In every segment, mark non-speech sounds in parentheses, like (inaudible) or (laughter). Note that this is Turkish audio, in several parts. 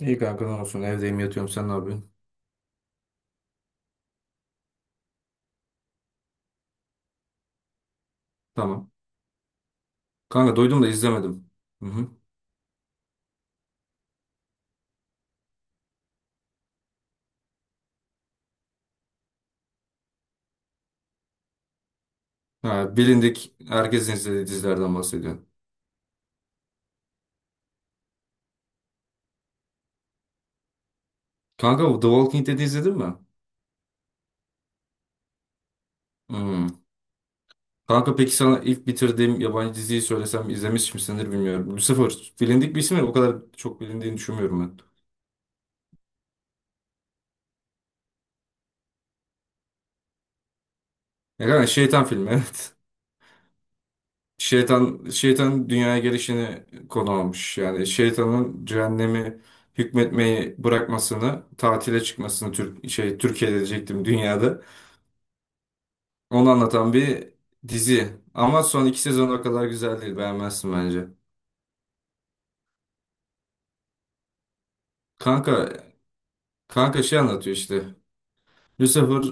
İyi kanka, ne olsun, evdeyim yatıyorum. Sen ne yapıyorsun? Tamam. Kanka doydum da izlemedim. Hı hı. Ha, bilindik herkesin izlediği dizilerden bahsediyorum. Kanka bu The Walking Dead'i izledin mi? Hmm. Kanka peki sana ilk bitirdiğim yabancı diziyi söylesem izlemiş misindir bilmiyorum. Lucifer bilindik bir isim ya, o kadar çok bilindiğini düşünmüyorum ben. Ya kanka şeytan filmi (laughs) evet. Şeytan dünyaya gelişini konu almış. Yani şeytanın cehennemi hükmetmeyi bırakmasını, tatile çıkmasını Türkiye'de diyecektim, dünyada. Onu anlatan bir dizi. Ama son iki sezon o kadar güzel değil. Beğenmezsin bence. Kanka, kanka, şey anlatıyor işte. Lucifer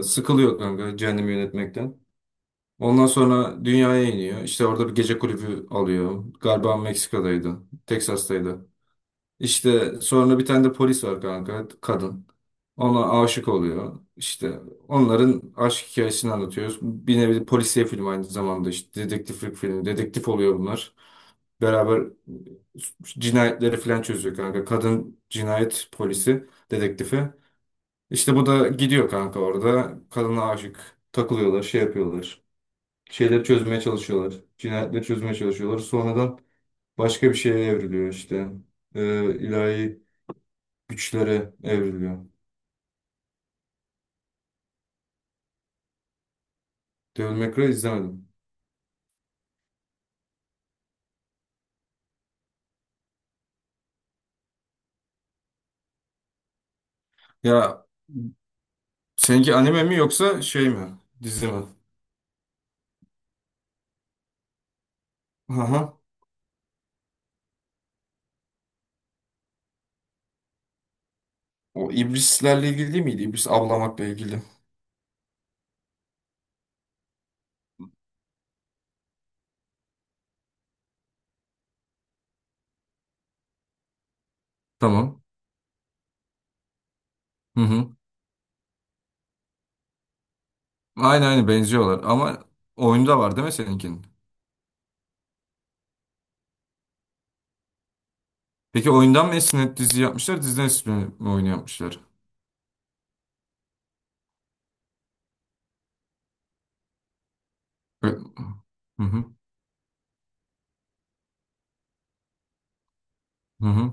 sıkılıyor kanka cehennemi yönetmekten. Ondan sonra dünyaya iniyor. İşte orada bir gece kulübü alıyor. Galiba Meksika'daydı. Teksas'taydı. İşte sonra bir tane de polis var kanka. Kadın. Ona aşık oluyor. İşte onların aşk hikayesini anlatıyoruz. Bir nevi polisiye film, aynı zamanda işte dedektiflik filmi. Dedektif oluyor bunlar. Beraber cinayetleri falan çözüyor kanka. Kadın cinayet polisi, dedektifi. İşte bu da gidiyor kanka orada. Kadına aşık. Takılıyorlar, şey yapıyorlar. Şeyleri çözmeye çalışıyorlar. Cinayetleri çözmeye çalışıyorlar. Sonradan başka bir şeye evriliyor işte. İlahi güçlere evriliyor. Devil May Cry izlemedim. Ya seninki anime mi yoksa şey mi? Dizi mi? Aha. O iblislerle ilgili değil miydi? İblis avlamakla ilgili. Tamam. Hı hı. Aynı benziyorlar ama oyunda var değil mi seninkinin? Peki oyundan mı esinlenip dizi yapmışlar, diziden esinlenip mi oyun yapmışlar? Ö- Hı hı hı hı.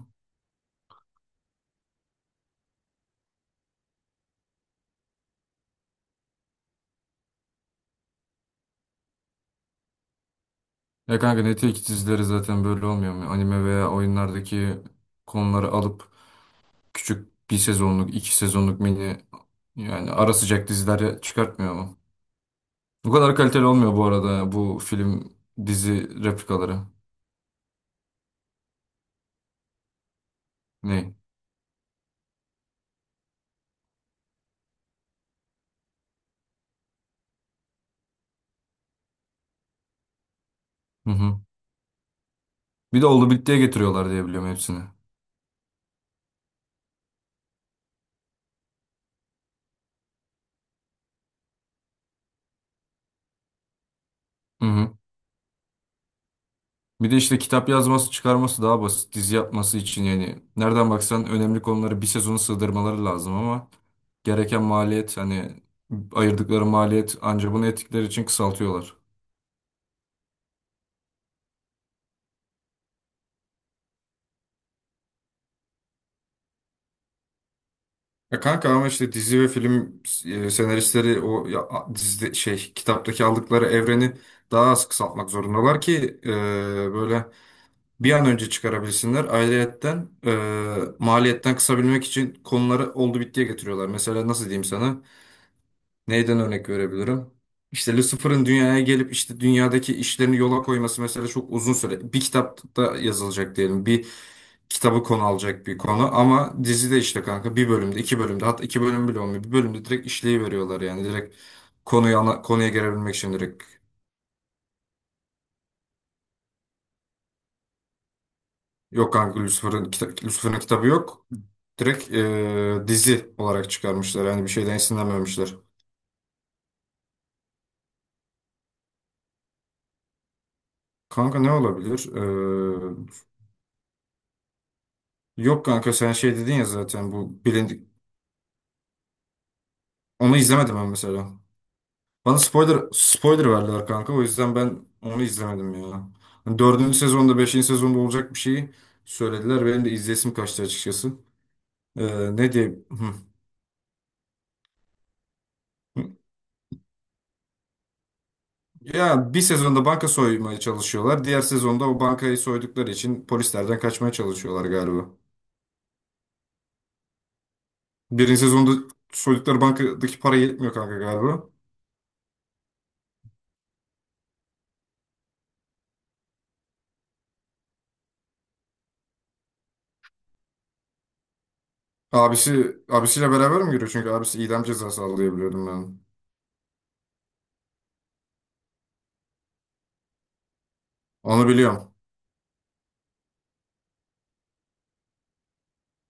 Ya kanka Netflix dizileri zaten böyle olmuyor mu? Anime veya oyunlardaki konuları alıp küçük bir sezonluk, iki sezonluk mini, yani ara sıcak diziler çıkartmıyor mu? Bu kadar kaliteli olmuyor bu arada, bu film dizi replikaları. Ne? Hı hı. Bir de oldu bittiye getiriyorlar diye biliyorum hepsini. Hı hı. Bir de işte kitap yazması, çıkarması daha basit. Dizi yapması için yani nereden baksan önemli konuları bir sezona sığdırmaları lazım ama gereken maliyet, hani ayırdıkları maliyet ancak bunu ettikleri için kısaltıyorlar. Ya kanka ama işte dizi ve film senaristleri o ya, dizide şey, kitaptaki aldıkları evreni daha az kısaltmak zorundalar ki böyle bir an önce çıkarabilsinler. Ayrıyetten maliyetten kısabilmek için konuları oldu bittiye getiriyorlar. Mesela nasıl diyeyim sana? Neyden örnek verebilirim? İşte Lucifer'ın dünyaya gelip işte dünyadaki işlerini yola koyması mesela çok uzun süre. Bir kitapta yazılacak diyelim. Bir kitabı konu alacak bir konu ama dizide işte kanka bir bölümde, iki bölümde, hatta iki bölüm bile olmuyor. Bir bölümde direkt işleyi veriyorlar yani, direkt konuya gelebilmek için direkt. Yok kanka Lucifer'ın kitabı yok. Direkt dizi olarak çıkarmışlar. Yani bir şeyden esinlenmemişler. Kanka ne olabilir? Yok kanka, sen şey dedin ya zaten, bu bilindik. Onu izlemedim ben mesela. Bana spoiler verdiler kanka. O yüzden ben onu izlemedim ya. Hani dördüncü sezonda, beşinci sezonda olacak bir şeyi söylediler. Benim de izlesim kaçtı açıkçası. Ne diyeyim? Hı. Ya bir sezonda banka soymaya çalışıyorlar. Diğer sezonda o bankayı soydukları için polislerden kaçmaya çalışıyorlar galiba. Birinci sezonda soydukları bankadaki para yetmiyor kanka galiba. Abisiyle beraber mi giriyor? Çünkü abisi idam cezası alıyor biliyordum ben. Onu biliyorum.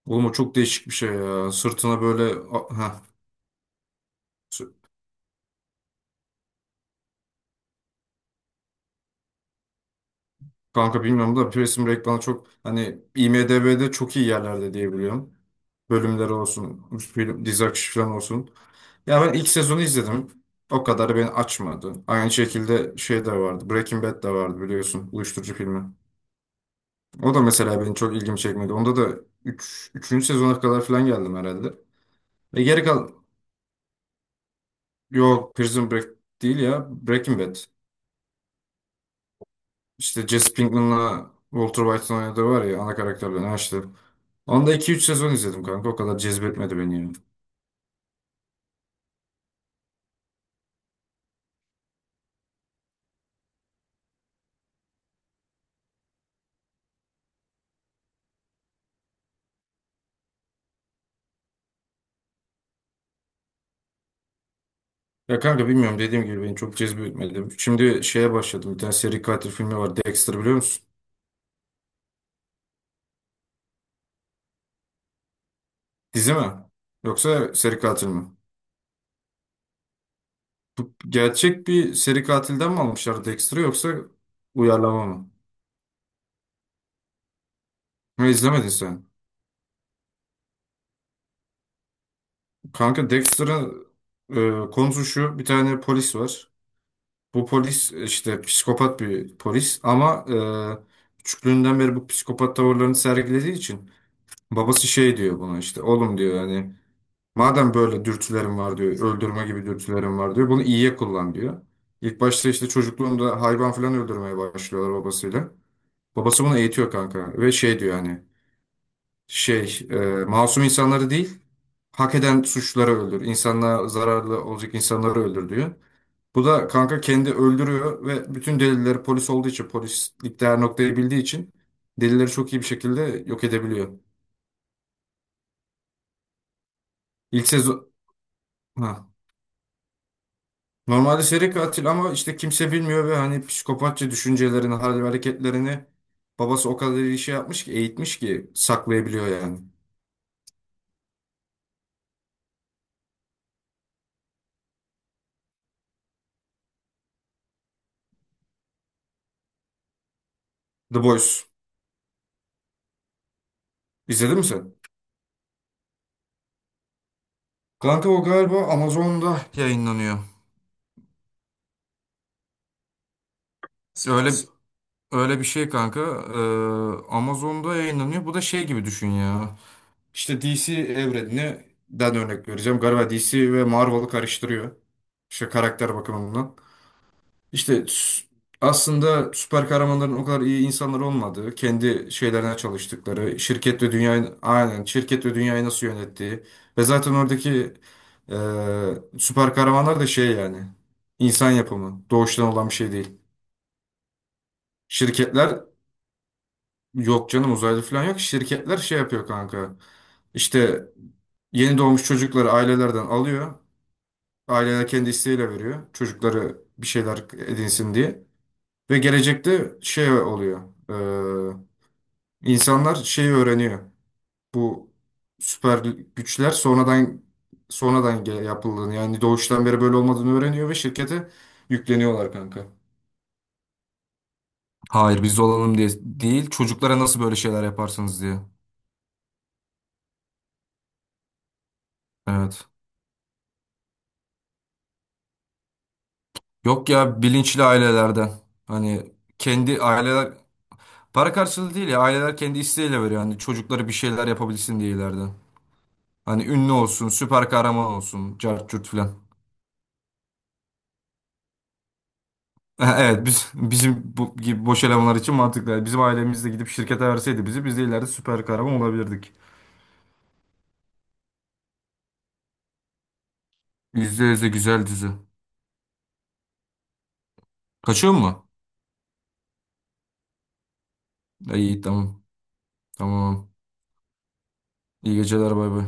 Oğlum o çok değişik bir şey ya. Sırtına böyle ha sü- kanka bilmiyorum da, Prison Break bana çok hani IMDb'de çok iyi yerlerde diye biliyorum. Bölümleri olsun, film, dizi akışı falan olsun. Ya ben ilk sezonu izledim. O kadar beni açmadı. Aynı şekilde şey de vardı. Breaking Bad de vardı biliyorsun. Uyuşturucu filmi. O da mesela beni çok ilgimi çekmedi. Onda da üçüncü sezona kadar falan geldim herhalde. Ve geri kal... Yok, Prison Break değil ya. Breaking Bad. İşte Jesse Pinkman'la Walter White'ın oynadığı var ya, ana karakterler. Ha işte. Onda iki üç sezon izledim kanka. O kadar cezbetmedi beni yani. Ya kanka bilmiyorum, dediğim gibi beni çok cezbetmedi. Şimdi şeye başladım. Bir tane seri katil filmi var. Dexter biliyor musun? Dizi mi? Yoksa seri katil mi? Gerçek bir seri katilden mi almışlar Dexter'ı yoksa uyarlama mı? Ne izlemedin sen? Kanka Dexter'ın konusu şu. Bir tane polis var. Bu polis işte psikopat bir polis ama küçüklüğünden beri bu psikopat tavırlarını sergilediği için babası şey diyor buna, işte oğlum diyor, hani madem böyle dürtülerim var diyor, öldürme gibi dürtülerim var diyor, bunu iyiye kullan diyor. İlk başta işte çocukluğunda hayvan falan öldürmeye başlıyorlar babasıyla. Babası bunu eğitiyor kanka ve şey diyor, hani şey e, masum insanları değil, hak eden suçları öldür, insanlığa zararlı olacak insanları öldür diyor. Bu da kanka kendi öldürüyor ve bütün delilleri, polis olduğu için, polislik değer noktayı bildiği için, delilleri çok iyi bir şekilde yok edebiliyor. İlk sezon ha. Normalde seri katil ama işte kimse bilmiyor ve hani psikopatça düşüncelerini, hal ve hareketlerini babası o kadar iyi şey yapmış ki, eğitmiş ki saklayabiliyor yani. The Boys. İzledin mi sen? Kanka o galiba Amazon'da yayınlanıyor. Öyle öyle bir şey kanka. Amazon'da yayınlanıyor. Bu da şey gibi düşün ya. İşte DC evreninden örnek vereceğim. Galiba DC ve Marvel'ı karıştırıyor. İşte karakter bakımından. İşte aslında süper kahramanların o kadar iyi insanlar olmadığı, kendi şeylerine çalıştıkları, şirket ve dünyayı nasıl yönettiği ve zaten oradaki e, süper kahramanlar da şey yani insan yapımı, doğuştan olan bir şey değil. Şirketler. Yok canım, uzaylı falan yok. Şirketler şey yapıyor kanka. İşte yeni doğmuş çocukları ailelerden alıyor. Aileler kendi isteğiyle veriyor. Çocukları bir şeyler edinsin diye. Ve gelecekte şey oluyor. Ee, insanlar şeyi öğreniyor. Bu süper güçler sonradan yapıldığını, yani doğuştan beri böyle olmadığını öğreniyor ve şirkete yükleniyorlar kanka. Hayır, biz olalım diye değil. Çocuklara nasıl böyle şeyler yaparsınız diye. Evet. Yok ya, bilinçli ailelerden. Hani kendi aileler para karşılığı değil ya, aileler kendi isteğiyle veriyor. Hani çocukları bir şeyler yapabilsin diye ileride. Hani ünlü olsun, süper kahraman olsun, cart curt filan. (laughs) Evet, bizim bu gibi boş elemanlar için mantıklı. Yani bizim ailemizde gidip şirkete verseydi bizi, biz de ileride süper kahraman olabilirdik. %100 de güzel dizi. Kaçıyor mu? İyi, tamam. Tamam. İyi geceler, bay bay.